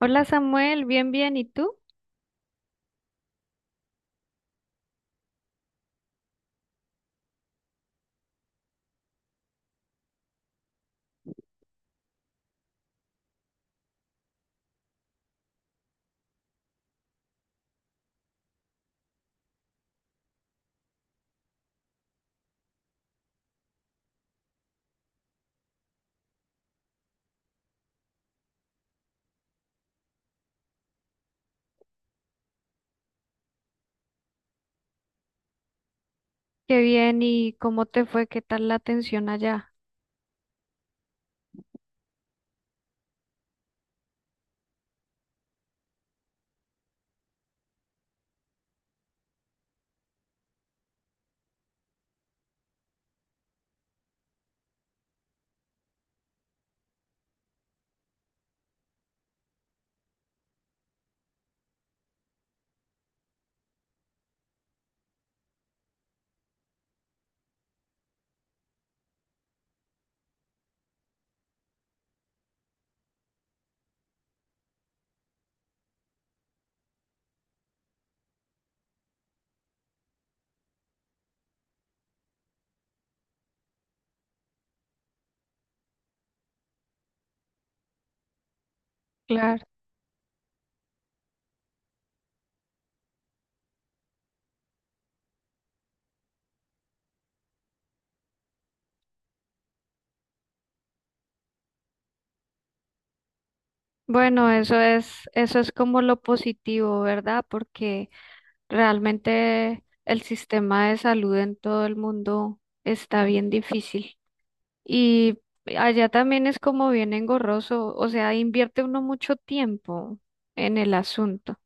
Hola Samuel, bien, bien, ¿y tú? Qué bien, ¿y cómo te fue? ¿Qué tal la atención allá? Claro. Bueno, eso es como lo positivo, ¿verdad? Porque realmente el sistema de salud en todo el mundo está bien difícil. Y allá también es como bien engorroso, o sea, invierte uno mucho tiempo en el asunto.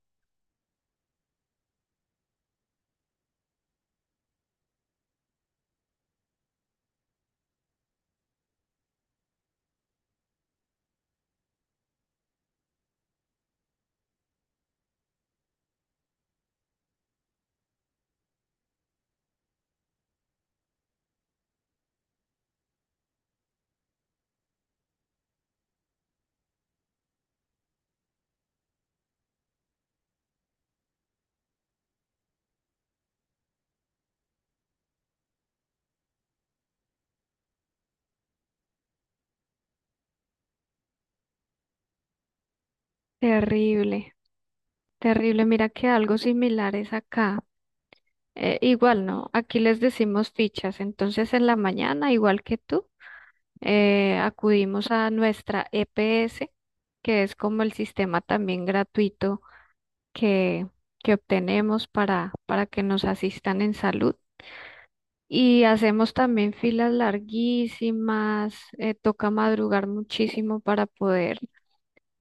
Terrible, terrible. Mira que algo similar es acá. Igual no, aquí les decimos fichas. Entonces en la mañana, igual que tú, acudimos a nuestra EPS, que es como el sistema también gratuito que, que obtenemos para que nos asistan en salud. Y hacemos también filas larguísimas, toca madrugar muchísimo para poder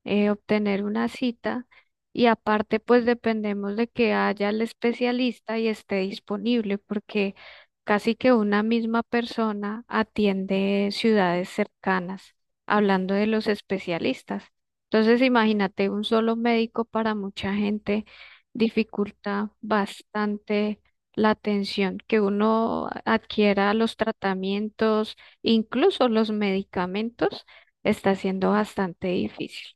obtener una cita y aparte pues dependemos de que haya el especialista y esté disponible porque casi que una misma persona atiende ciudades cercanas, hablando de los especialistas. Entonces imagínate un solo médico para mucha gente dificulta bastante la atención, que uno adquiera los tratamientos, incluso los medicamentos, está siendo bastante difícil.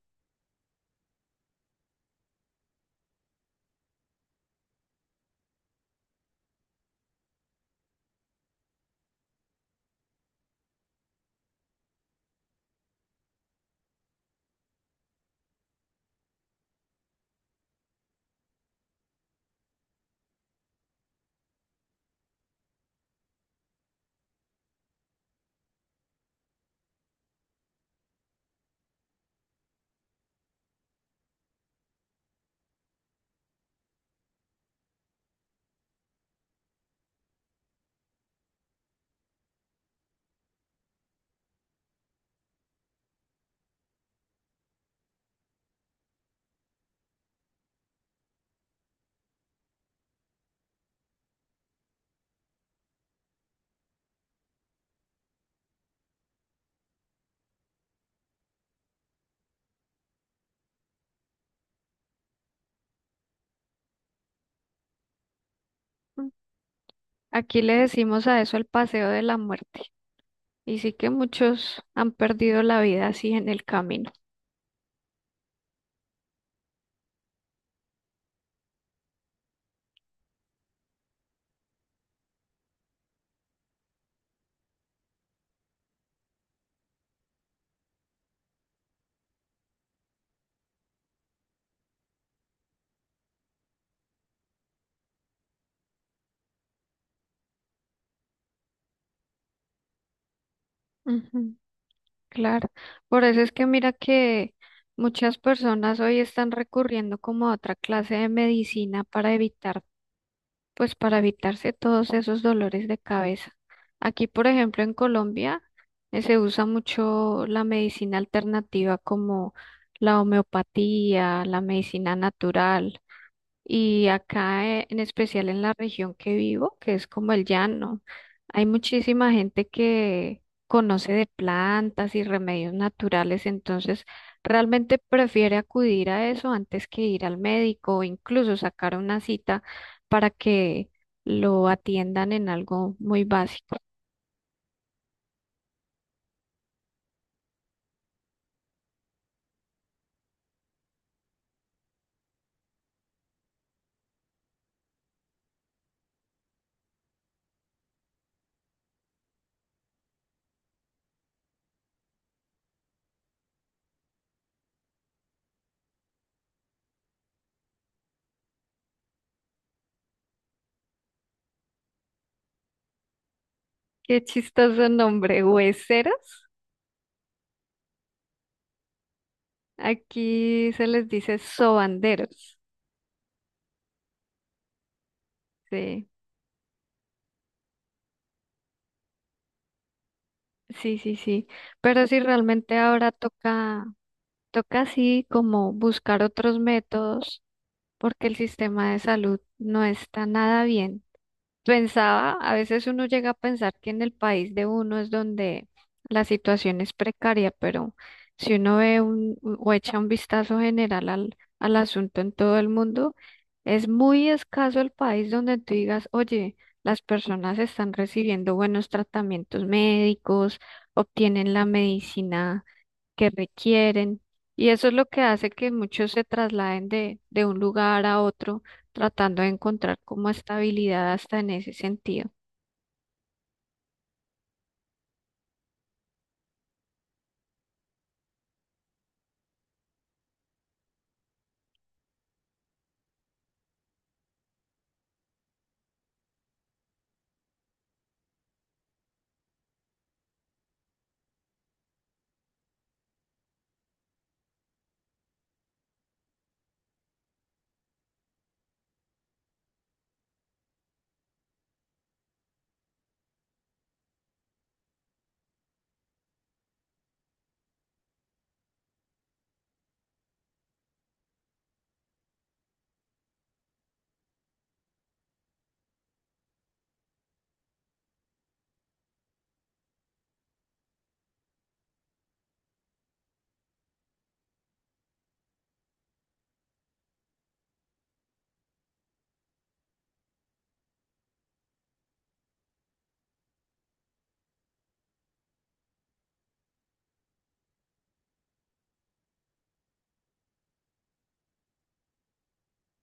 Aquí le decimos a eso el paseo de la muerte. Y sí que muchos han perdido la vida así en el camino. Ujú, claro. Por eso es que mira que muchas personas hoy están recurriendo como a otra clase de medicina para evitar, pues para evitarse todos esos dolores de cabeza. Aquí, por ejemplo, en Colombia, se usa mucho la medicina alternativa como la homeopatía, la medicina natural. Y acá, en especial en la región que vivo, que es como el llano, hay muchísima gente que conoce de plantas y remedios naturales, entonces realmente prefiere acudir a eso antes que ir al médico o incluso sacar una cita para que lo atiendan en algo muy básico. Qué chistoso nombre, hueseros. Aquí se les dice sobanderos. Sí, sí, sí, sí. Pero sí realmente ahora toca. Toca así como buscar otros métodos porque el sistema de salud no está nada bien. Pensaba, a veces uno llega a pensar que en el país de uno es donde la situación es precaria, pero si uno ve un, o echa un vistazo general al asunto en todo el mundo, es muy escaso el país donde tú digas, oye, las personas están recibiendo buenos tratamientos médicos, obtienen la medicina que requieren. Y eso es lo que hace que muchos se trasladen de un lugar a otro, tratando de encontrar como estabilidad hasta en ese sentido.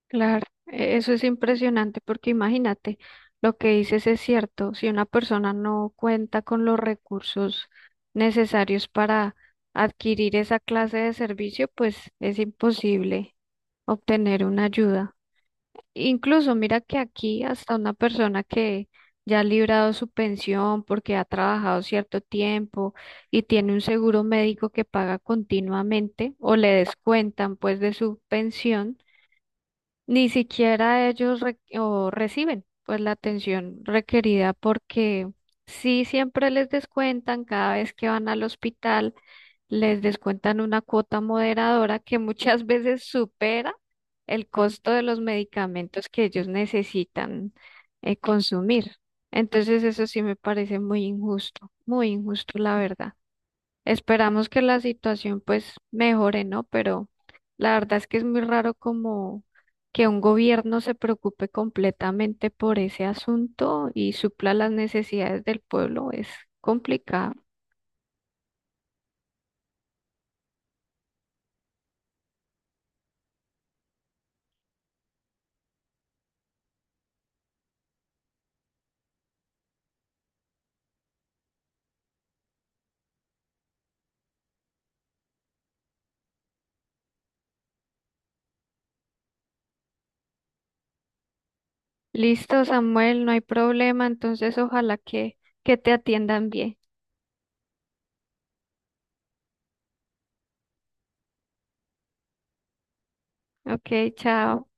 Claro, eso es impresionante porque imagínate, lo que dices es cierto, si una persona no cuenta con los recursos necesarios para adquirir esa clase de servicio, pues es imposible obtener una ayuda. Incluso mira que aquí hasta una persona que ya ha librado su pensión porque ha trabajado cierto tiempo y tiene un seguro médico que paga continuamente o le descuentan pues de su pensión. Ni siquiera ellos re- o reciben pues la atención requerida porque sí siempre les descuentan cada vez que van al hospital, les descuentan una cuota moderadora que muchas veces supera el costo de los medicamentos que ellos necesitan consumir. Entonces eso sí me parece muy injusto la verdad. Esperamos que la situación pues mejore, ¿no? Pero la verdad es que es muy raro como que un gobierno se preocupe completamente por ese asunto y supla las necesidades del pueblo. Es complicado. Listo, Samuel, no hay problema. Entonces, ojalá que te atiendan bien. Ok, chao.